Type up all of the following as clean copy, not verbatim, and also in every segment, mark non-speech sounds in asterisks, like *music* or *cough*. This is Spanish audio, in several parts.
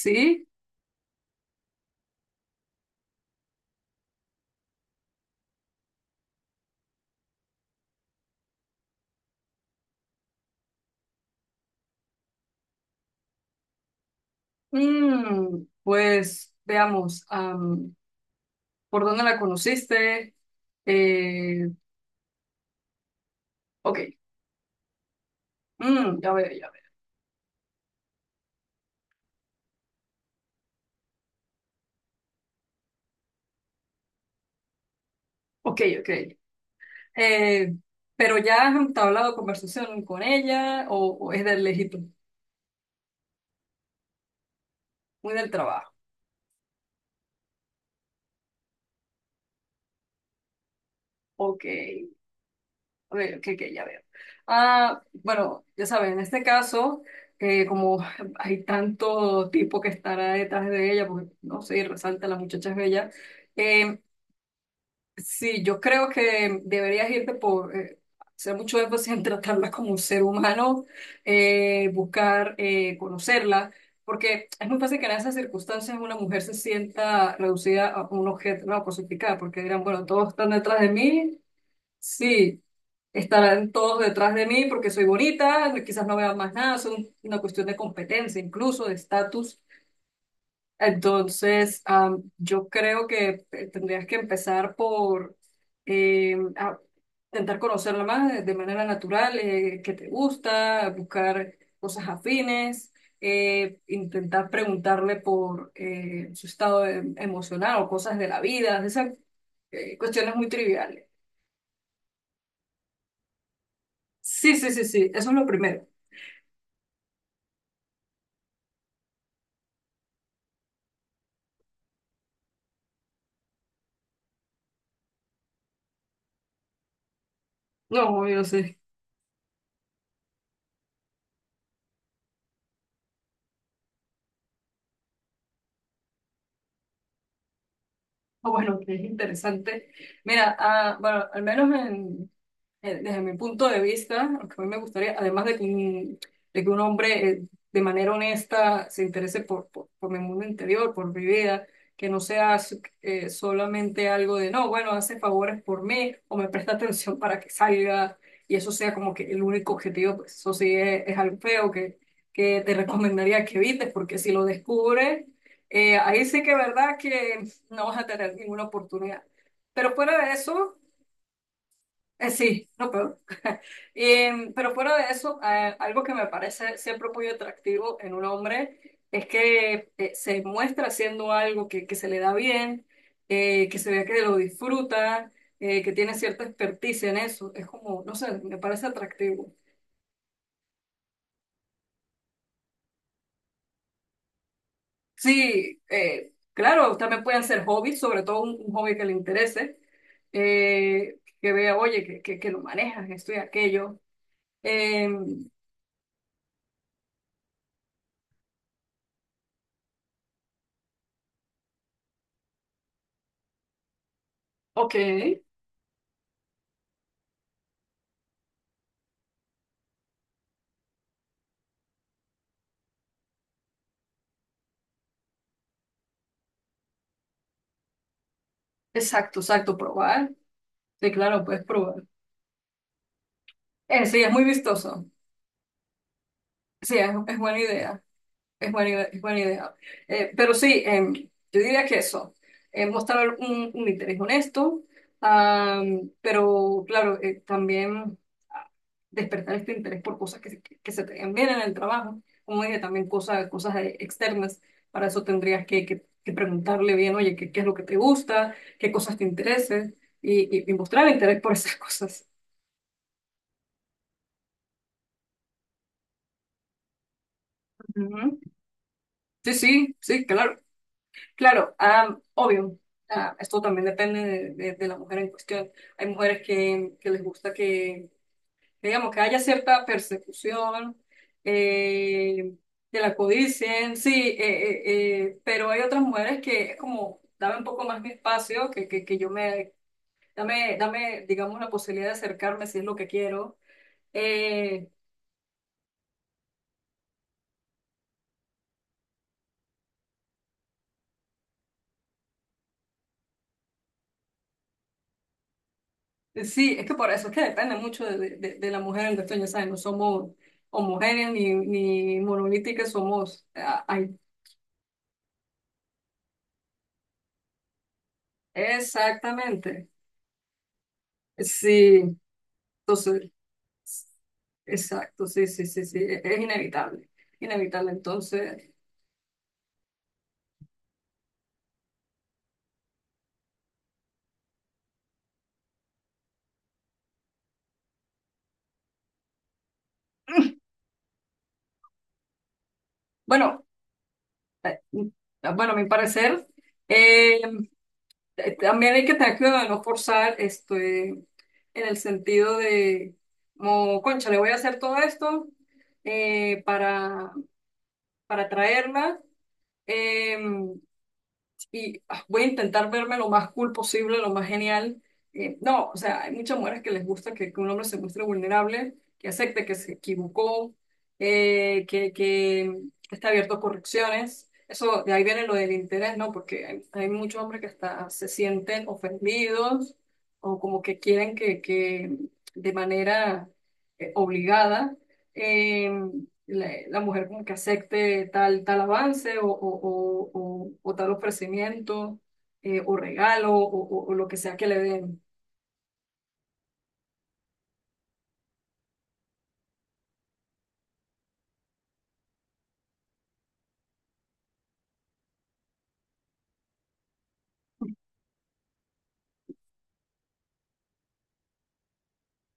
Sí. Pues veamos, ¿por dónde la conociste? Eh, ok. Mm, ya veo, ya veo. Ok, ok. Eh, pero ya has entablado conversación con ella o es del lejito, muy del trabajo. Ok, a ver, ok, ok, ya veo. Ah, bueno, ya saben, en este caso, como hay tanto tipo que estará detrás de ella, porque no sé, resalta, la muchacha es bella. eh, Sí, yo creo que deberías irte por hacer mucho énfasis en tratarla como un ser humano, buscar conocerla, porque es muy fácil que en esas circunstancias una mujer se sienta reducida a un objeto, no, cosificada, porque dirán, bueno, todos están detrás de mí, sí, estarán todos detrás de mí porque soy bonita, quizás no vean más nada, es una cuestión de competencia, incluso de estatus. Entonces, yo creo que tendrías que empezar por a intentar conocerla más de manera natural, qué te gusta, buscar cosas afines, intentar preguntarle por su estado emocional o cosas de la vida, esas cuestiones muy triviales. Sí, eso es lo primero. No, yo sé. *laughs* Ah, bueno, que es interesante. Mira, ah, bueno, al menos desde mi punto de vista, lo que a mí me gustaría, además de que un hombre de manera honesta se interese por mi mundo interior, por mi vida, que no sea solamente algo de, no, bueno, hace favores por mí o me presta atención para que salga y eso sea como que el único objetivo, pues eso sí es algo feo que te recomendaría que evites, porque si lo descubres, ahí sí que es verdad que no vas a tener ninguna oportunidad. Pero fuera de eso... sí, lo peor. *laughs* Pero fuera de eso, algo que me parece siempre muy atractivo en un hombre es que se muestra haciendo algo que se le da bien, que se vea que lo disfruta, que tiene cierta experticia en eso. Es como, no sé, me parece atractivo. Sí, claro, también pueden ser hobbies, sobre todo un hobby que le interese, que vea, oye, que lo manejas, esto y aquello. Em, ok. Exacto, exacto, probar. Sí, claro, puedes probar. Sí, es muy vistoso. Sí, es buena idea. Es es buena idea. Pero sí, em, yo diría que eso, mostrar un interés honesto, am, pero claro, también ah, despertar este interés por cosas que se te den bien en el trabajo. Como dije, también cosas externas. Para eso tendrías que preguntarle bien, oye, ¿qué, qué es lo que te gusta? ¿Qué cosas te interesan? Y mostrar interés por esas *laughs* cosas. Ujú. Sí, sí, sí, claro, claro, ah, obvio. Ah, esto también depende de la mujer en cuestión. Hay mujeres que les gusta que, digamos, que haya cierta persecución, eh, que la codicien, sí, pero hay otras mujeres que es como, dame un poco más mi espacio, que yo me, dame, digamos, la posibilidad de acercarme si es lo que quiero. eh, Sí, es que por eso es que depende mucho de la mujer en cuestión. Ya sabes, no somos homogéneas ni monolíticas, somos... ah, ay, exactamente, sí, entonces, exacto, sí, sí, sí, sí, es inevitable, inevitable. Entonces, bueno, mm, bueno, a mi parecer, eh, también hay que tener cuidado de no forzar esto, en el sentido de, como, concha, le voy a hacer todo esto eh, para, para traerla. Eh, y ah, voy a intentar verme lo más cool posible, lo más genial. No, o sea, hay muchas mujeres que les gusta que un hombre se muestre vulnerable, que acepte que se equivocó, que está abierto a correcciones. Eso, de ahí viene lo del interés, ¿no? Porque hay muchos hombres que hasta se sienten ofendidos o como que quieren que de manera obligada Em, la mujer como que acepte tal avance o tal ofrecimiento o regalo o lo que sea que le den.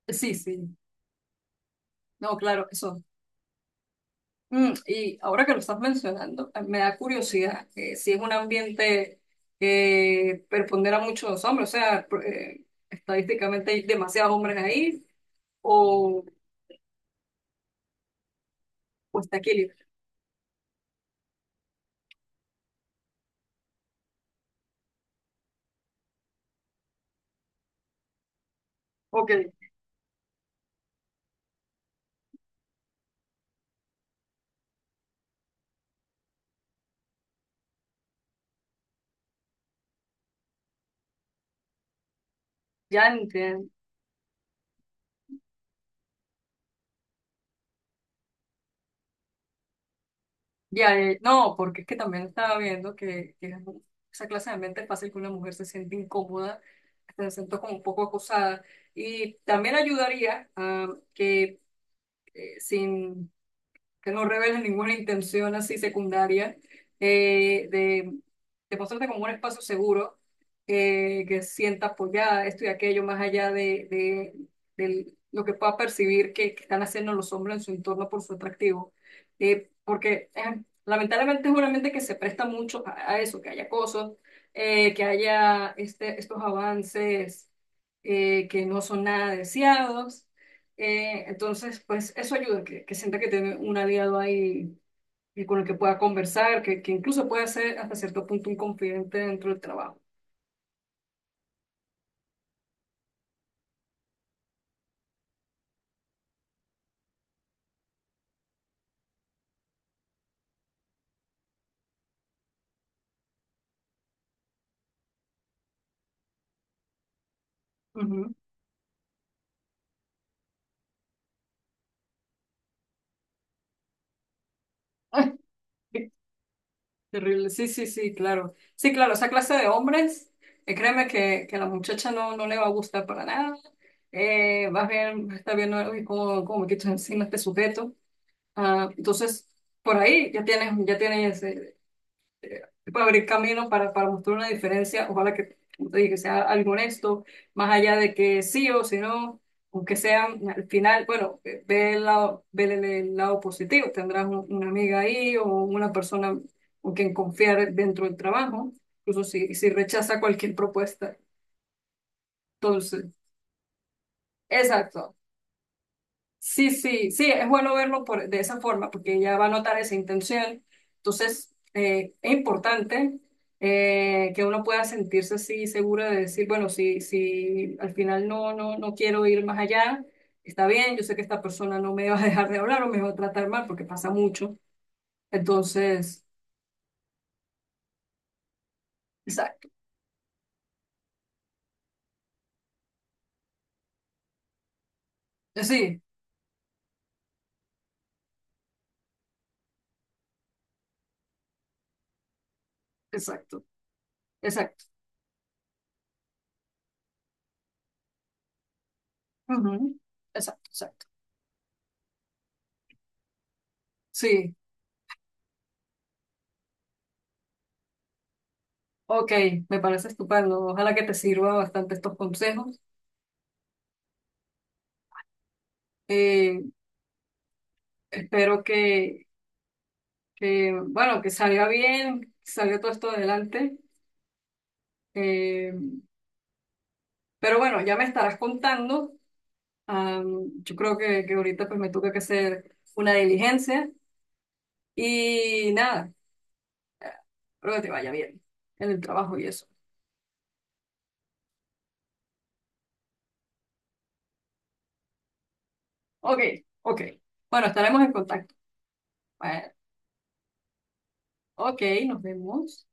Sí, sí, no, claro, eso. Mm, y ahora que lo estás mencionando, me da curiosidad si es un ambiente que prepondera mucho a los hombres, o sea, estadísticamente hay demasiados hombres ahí o, o está equilibrado. Ok, ya entiendo. Ya, no, porque es que también estaba viendo que esa clase de ambiente es fácil que una mujer se siente incómoda, hasta se sienta como un poco acosada. Y también ayudaría a que sin que no reveles ninguna intención así secundaria, eh, de, de mostrarte como un espacio seguro, que sientas pues ya esto y aquello, más allá lo que pueda percibir que están haciendo los hombres en su entorno por su atractivo. Porque lamentablemente es una mente que se presta mucho a eso, que haya cosas, que haya estos avances que no son nada deseados. Entonces, pues eso ayuda, que sienta que tiene un aliado ahí y con el que pueda conversar, que incluso pueda ser hasta cierto punto un confidente dentro del trabajo. Ujú. *laughs* Terrible. Sí, sí, sí, claro. Sí, claro, esa clase de hombres, créeme que a la muchacha no, no le va a gustar para nada. Más bien está viendo "Uy, cómo, cómo me quito encima este sujeto". Ah, entonces, por ahí ya tienes puede abrir camino, para mostrar una diferencia, ojalá que, como te dije, que sea algo honesto, más allá de que sí o si no, aunque sean al final, bueno, ve el lado, ve el lado positivo, tendrás una amiga ahí o una persona con quien confiar dentro del trabajo, incluso si, si rechaza cualquier propuesta. Entonces, exacto. Sí, sí, sí, es bueno verlo por, de esa forma porque ella va a notar esa intención. Entonces, es importante que uno pueda sentirse así segura de decir, bueno, si, si al final no, no, no quiero ir más allá, está bien, yo sé que esta persona no me va a dejar de hablar o me va a tratar mal porque pasa mucho. Entonces, exacto, sí, exacto, exacto, ujú, exacto, exacto. Sí, ok, me parece estupendo. Ojalá que te sirva bastante estos consejos. Eh, Espero que, bueno, que salga bien, que salga todo esto adelante. Eh, pero bueno, ya me estarás contando. Yo creo que ahorita pues me toca que hacer una diligencia. Y nada, eh, espero que te vaya bien en el trabajo y eso. Ok, ok. Bueno, estaremos en contacto. Bueno, ok, nos vemos.